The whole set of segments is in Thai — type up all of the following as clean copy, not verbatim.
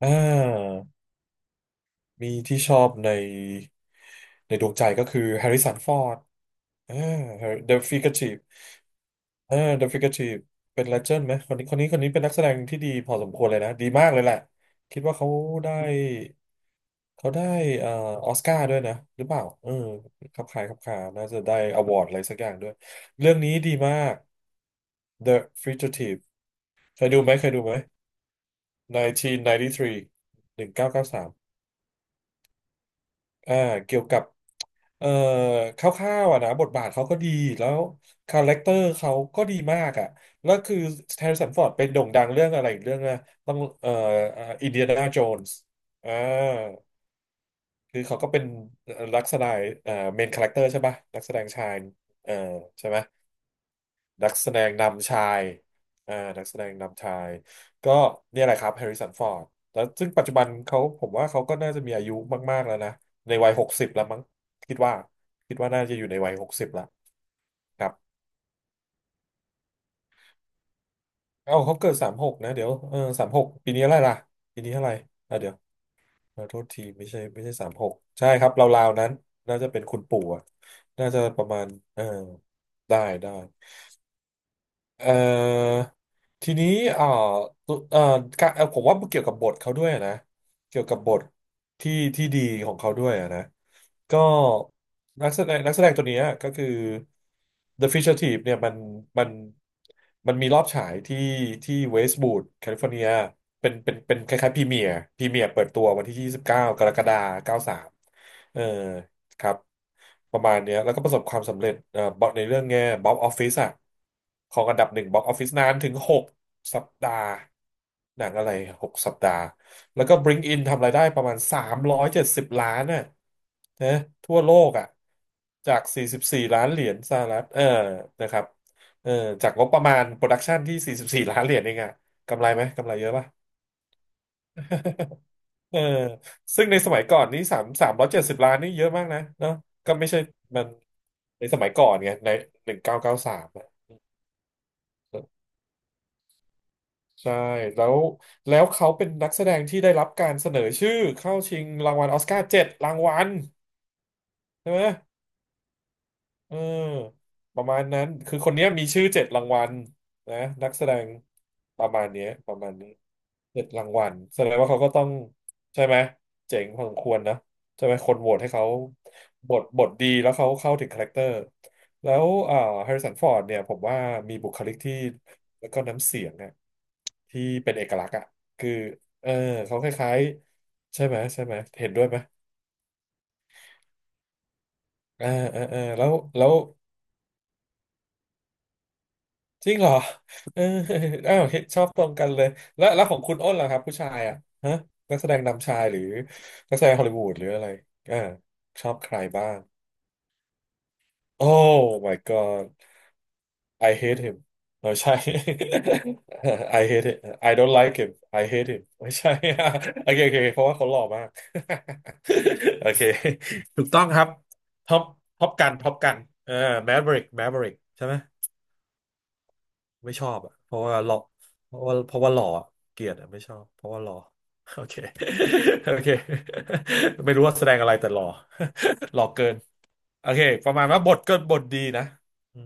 อ่ามีที่ชอบในดวงใจก็คือแฮร์ริสันฟอร์ดอ่าเดอะฟิกชีฟเดอะฟิกชีฟเป็นเลเจนด์ไหมคนนี้เป็นนักแสดงที่ดีพอสมควรเลยนะดีมากเลยแหละคิดว่าเขาได้เขาได้เอ่อออสการ์ด้วยนะหรือเปล่าเออครับคล้ายครับคาน่าจะได้อวอร์ดอะไรสักอย่างด้วยเรื่องนี้ดีมาก The Fugitive เคยดูไหม1993 1993อยเก้าสิบสามหนึ่งเก้าเกาสามอ่าเกี่ยวกับ เอ่อคร่าวๆอ่ะนะบทบาทเขาก็ดีแล้วคาแรคเตอร์เขาก็ดีมากอ่ะแล้วคือแฮร์ริสันฟอร์ดเป็นโด่งดังเรื่องอะไรอีกเรื่องนะต้องอินเดียนาโจนส์อ่าคือเขาก็เป็นรักษณะเมนคาแรคเตอร์ใช่ปะนักแสดงชายเอ่อใช่ไหม นักแสดงนำชายนักแสดงนำชาย ก็เนี่ยแหละครับแฮร์ริสันฟอร์ดแล้วซึ่งปัจจุบันเขาผมว่าเขาก็น่าจะมีอายุมากๆแล้วนะ ในวัย60แล้วมั้งคิดว่าคิดว่าน่าจะอยู่ในวัยหกสิบแล้วครับ เอ้าเขาเกิดสามหกนะเดี๋ยวเออสามหกปีนี้อะไรล่ะปีนี้อะไรอ่ะเดี๋ยวเออโทษทีไม่ใช่สามหกใช่ครับราวๆนั้นน่าจะเป็นคุณปู่อะน่าจะประมาณเออได้ได้ เอ่อทีนี้เอ่อตุเอ่อการผมว่าเกี่ยวกับบทเขาด้วยนะเกี่ยวกับบทที่ที่ดีของเขาด้วยนะก็นักแสดงตัวเนี้ยก็คือ The Fisher Thief เนี่ยมันมันมีรอบฉายที่ที่เวสต์วูดแคลิฟอร์เนียเป็นคล้ายๆพรีเมียร์พรีเมียร์เปิดตัววันที่29กากรกฎาคม93เออ ครับประมาณเนี้ยแล้วก็ประสบความสำเร็จบอกในเรื่องแง่บ็อกออฟฟิศอะของอันดับหนึ่งบ็อกออฟฟิศนานถึงหกสัปดาห์หนังอะไรหกสัปดาห์แล้วก็ Bring In ทำรายได้ประมาณ370 ล้านน่ะนะทั่วโลกอ่ะจากสี่สิบสี่ล้านเหรียญสหรัฐเออนะครับเออจากงบประมาณโปรดักชันที่สี่สิบสี่ล้านเหรียญเองอ่ะกำไรไหมกำไรเยอะป่ะ เออซึ่งในสมัยก่อนนี้สามร้อยเจ็ดสิบล้านนี่เยอะมากนะเนาะก็ไม่ใช่มันในสมัยก่อนไงใน1993ใช่แล้วเขาเป็นนักแสดงที่ได้รับการเสนอชื่อเข้าชิงรางวัลออสการ์เจ็ดรางวัลใช่ไหม เออประมาณนั้นคือคนเนี้ยมีชื่อเจ็ดรางวัลนะนักแสดงประมาณเนี้ยประมาณนี้เจ็ดรางวัลแสดงว่าเขาก็ต้องใช่ไหมเจ๋งพอสมควรนะใช่ไหมคนโหวตให้เขาบทดีแล้วเขาเข้าถึงคาแรคเตอร์แล้วแฮริสันฟอร์ดเนี่ยผมว่ามีบุคลิกที่แล้วก็น้ำเสียงเนี่ยที่เป็นเอกลักษณ์อ่ะคือเออเขาคล้ายๆใช่ไหมเห็นด้วยไหมเออแล้วจริงเหรอเออ อ้าวเห็นชอบตรงกันเลยแล้วของคุณอ้นล่ะครับผู้ชายอ่ะฮะนักแสดงนำชายหรือนักแสดงฮอลลีวูดหรืออะไรอ่าชอบใครบ้างโอ้ my god I hate him ไม่ใช่ I hate it I don't like him I hate him ไม่ใช่ โอเคเพราะว่าเขาหล่อมาก โอเคถูกต้องครับท็อปท็อปกันเออแมเวริกใช่ไหม ไม่ชอบอ่ะเพราะว่าหล่อเพราะว่าหล่ออะเกลียดอ่ะไม่ชอบเพราะว่าหล่อ โอเค โอเค ไม่รู้ว่าแสดงอะไรแต่หล่อ หล่อเกินโอเคประมาณว่าบทดีนะอืม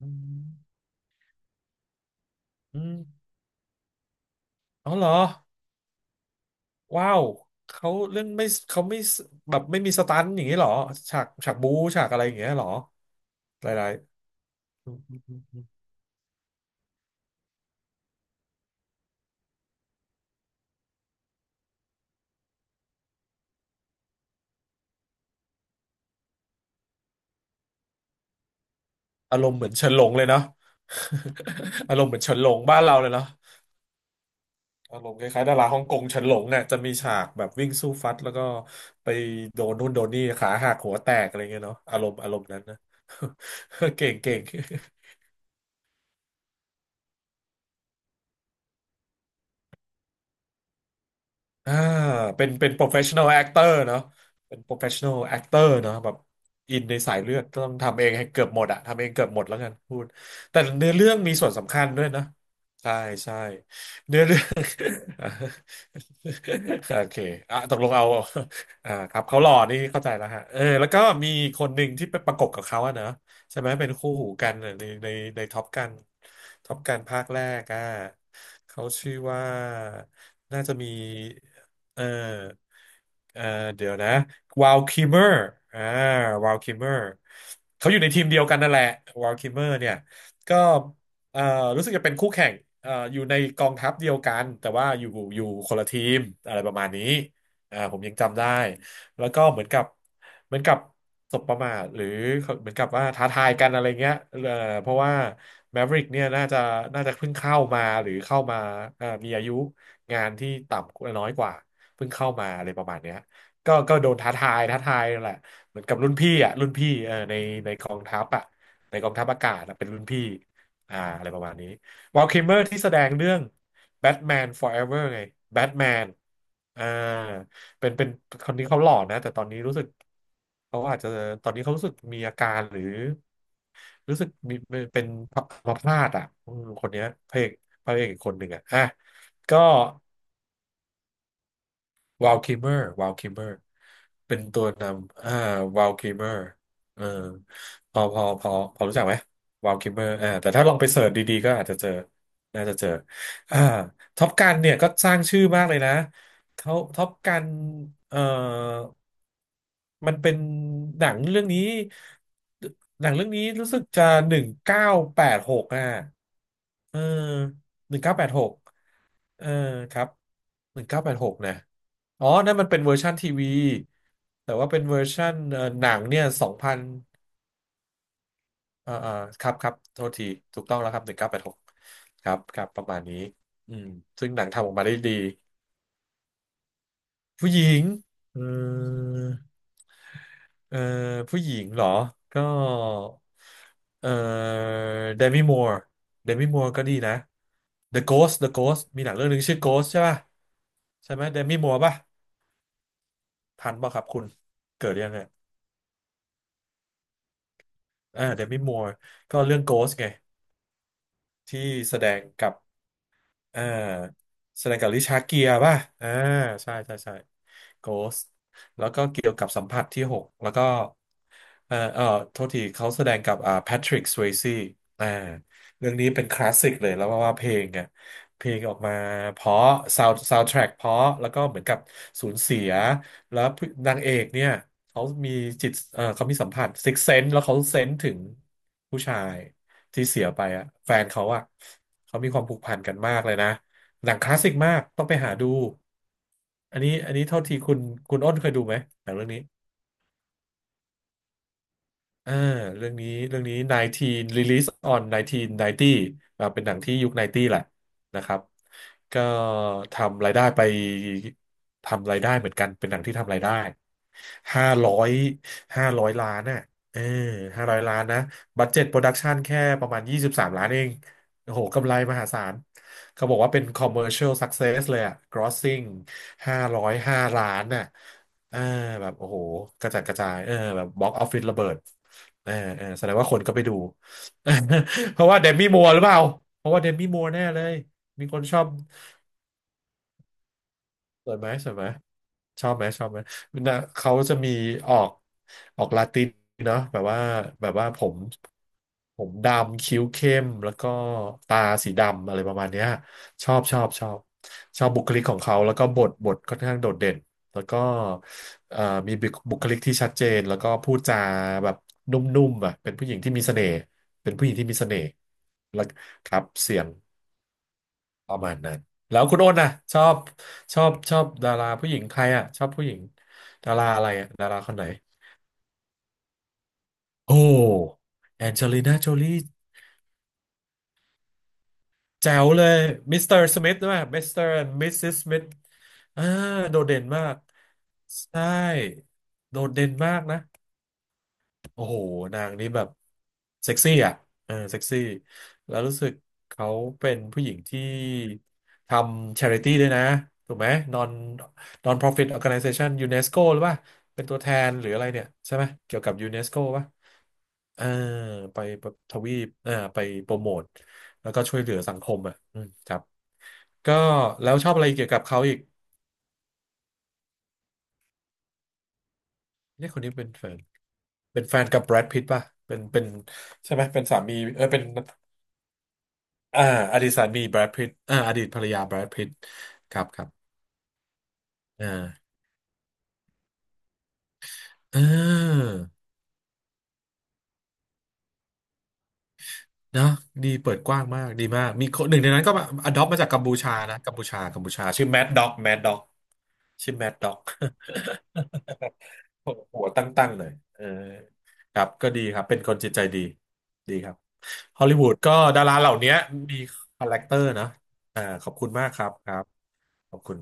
อืมอืมอ๋อเหรอว้าวเขาเรื่องไม่เขาไม่แบบไม่มีสตันท์อย่างนี้เหรอฉากบู๊ฉากอะไรอย่างเงี้ยเหรอหลายๆอืมอารมณ์เหมือนเฉินหลงเลยเนาะ อารมณ์เหมือนเฉินหลงบ้านเราเลยเนาะ อารมณ์คล้ายๆดาราฮ่องกงเฉินหลงเนี่ยจะมีฉากแบบวิ่งสู้ฟัดแล้วก็ไปโดนนู่นโดนนี่ขาหักหัวแตกอะไรเงี้ยเนาะอารมณ์นั้นนะ เก่งเก่ง อ่าเป็นprofessional actor เนาะเป็น professional actor เนาะแบบอินในสายเลือดต้องทำเองให้เกือบหมดอะทำเองเกือบหมดแล้วกันพูดแต่เนื้อเรื่องมีส่วนสำคัญด้วยนะใช่ใช่เนื้อเรื่อง โอเคอ่ะตกลงเอาอ่าครับเขาหล่อนี่เข้าใจแล้วฮะเออแล้วก็มีคนหนึ่งที่ไปประกบกับเขาอะเนอะใช่ไหมเป็นคู่หูกันในท็อปกันภาคแรกอะเขาชื่อว่าน่าจะมี เออเออเดี๋ยวนะวาลคิมเมอร์อ่าวาลคิมเมอร์เขาอยู่ในทีมเดียวกันนั่นแหละวาลคิมเมอร์เนี่ยก็เออรู้สึกจะเป็นคู่แข่งเอออยู่ในกองทัพเดียวกันแต่ว่าอยู่คนละทีมอะไรประมาณนี้อ่าผมยังจำได้ แล้วก็เหมือนกับสบประมาทหรือเหมือนกับว่าท้าทายกันอะไรเงี้ยเออเพราะว่าแมฟริกเนี่ยน่าจะเพิ่งเข้ามาหรือเข้ามามีอายุงานที่ต่ำน้อยกว่าเพิ่งเข้ามาอะไรประมาณเนี้ยก็โดนท้าทายแหละเหมือนกับรุ่นพี่อ่ะรุ่นพี่เออในในกองทัพอ่ะในกองทัพอากาศอะเป็นรุ่นพี่อ่าอะไรประมาณนี้วอลคิมเมอร์ที่แสดงเรื่องแบทแมน Forever ไงแบทแมนอ่า เป็นคนนี้เขาหล่อนะแต่ตอนนี้รู้สึกเขาอาจจะตอนนี้เขารู้สึกมีอาการหรือรู้สึกมีเป็นอัมาพาดอ่ะอืมคนเนี้ยพระเอกพระเอกอีกคนหนึ่งอ่ะอ่ะก็วาลคิมเมอร์วาลคิมเมอร์เป็นตัวนำอ่าวาลคิมเมอร์เออพอรู้จักไหมวาลคิมเมอร์อ่าแต่ถ้าลองไปเสิร์ชดีๆก็อาจจะเจอน่าจะเจออ่าท็อปกันเนี่ยก็สร้างชื่อมากเลยนะเขาท็อปกันเอ่อ มันเป็นหนังเรื่องนี้หนังเรื่องนี้รู้สึกจะหนึ่งเก้าแปดหกอ่ะเออหนึ่งเก้าแปดหกเออครับหนึ่งเก้าแปดหกนะอ๋อนั่นมันเป็นเวอร์ชันทีวีแต่ว่าเป็นเวอร์ชันหนังเนี่ย2000เอ่อเอ่อครับครับโทษทีถูกต้องแล้วครับหนึ่งเก้าแปดหกครับครับประมาณนี้อืมซึ่งหนังทำออกมาได้ดีผู้หญิงเออ เอ่อผู้หญิงเหรอ ก็เอ่อเดมิมัวร์เดมิมัวร์ก็ดีนะ The Ghost มีหนังเรื่องหนึงชื่อ Ghost ใช่ป่ะใช่ไหมเดมิมัวร์ป่ะทันป่ะครับคุณเกิดยังไงอ่าเดมิมัวร์ก็เรื่อง Ghost ไงที่แสดงกับ อ่าแสดงกับริชาร์ดเกียร์ป่ะอ่าใช่โกสแล้วก็เกี่ยวกับสัมผัสที่หกแล้วก็เอ่อเอ่อโทษทีเขาแสดงกับอ่าแพทริกสเวซี่อ่าเรื่องนี้เป็นคลาสสิกเลยแล้วว่าเพลงอ่ะเพลงออกมาเพราะซาวด์แทร็กเพราะแล้วก็เหมือนกับสูญเสียแล้วนางเอกเนี่ยเขามีจิตเอ่อเขามีสัมผัสซิกเซนส์แล้วเขาเซนส์ถึงผู้ชายที่เสียไปอ่ะแฟนเขาอ่ะ เขามีความผูกพันกันมากเลยนะหนังคลาสสิกมากต้องไปหาดูอันนี้เท่าที่คุณคุณอ้นเคยดูไหมหนังเรื่องนี้ อ่าเรื่องนี้เรื่องนี้19 Release on 1990อ่าเป็นหนังที่ยุค90แหละนะครับก็ทำรายได้ไปทำรายได้เหมือนกันเป็นหนังที่ทำรายได้ห้าร้อยห้าร้อยล้านน่ะเออห้าร้อยล้านนะบัดเจ็ตโปรดักชันแค่ประมาณ23 ล้านเองโอ้โหกำไรมหาศาลเขาบอกว่าเป็น commercial success เลยอะ grossing 505 ล้านน่ะเออแบบโอ้โหกระจัดกระจายเออแบบบ็อกออฟฟิศระเบิด เออเออแสดงว่าคนก็ไปดู เพราะว่าเดมี่มัวร์หรือเปล่าเพราะว่าเดมี่มัวร์แน่เลยมีคนชอบสวยไหมสวยไหม ชอบไหมชอบไหมนะเขาจะมีออกออกลาตินเนาะแบบว่าผมดำคิ้วเข้มแล้วก็ตาสีดำอะไรประมาณเนี้ยชอบชอบชอบชอบบุคลิกของเขาแล้วก็บทค่อนข้างโดดเด่นแล้วก็เอ่อมีบุคบุคลิกที่ชัดเจนแล้วก็พูดจาแบบนุ่มๆอ่ะเป็นผู้หญิงที่มีเสน่ห์เป็นผู้หญิงที่มีเสน่ห์แล้วครับเสียง ประมาณนั้นแล้วคุณโอ้นนะชอบชอบดาราผู้หญิงใครอ่ะชอบผู้หญิงดาราอะไรอ่ะดาราคนไหนโอ้แอนเจลิน่าโจลีแจ๋วเลยมิสเตอร์สมิธด้วยมิสเตอร์มิสซิสสมิธอ่าโดดเด่นมากใช่โดดเด่นมากนะ โอ้โหนางนี้แบบเซ็กซี่อ่ะเออเซ็กซี่แล้วรู้สึกเขาเป็นผู้หญิงที่ทำช h ริตี้ด้วยนะถูกไหม non non profit organization UNESCO หรือว่าเป็นตัวแทนหรืออะไรเนี่ยใช่ไหมเกี่ยวกับ UNESCO ป่ะเออไปทวีปเออไปโปรโมทแล้วก็ช่วยเหลือสังคมอ่ะอืมครับก็แล้วชอบอะไรเกี่ยวกับเขาอีกเนี่ยคนนี้เป็นแฟนกับแบรดพิตต์ป่ะเป็นใช่ไหมเป็นสามีเออเป็น อ่าอดีตสามีแบรดพิตอดีตภรรยาแบรดพิตครับครับอ่าเออเนอะดีเปิดกว้างมากดีมากมีคนหนึ่งในนั้นก็อดอปมาจากกัมพูชานะกัมพูชากัมพูชาชื่อแมดด็อกชื่อแมดด็อก หัวตั้งๆเลยเออครับก็ดีครับเป็นคนจิตใจดีดีครับฮอลลีวูดก็ดาราเหล่านี้มีคาแรคเตอร์นะอ่าขอบคุณมากครับครับขอบคุณ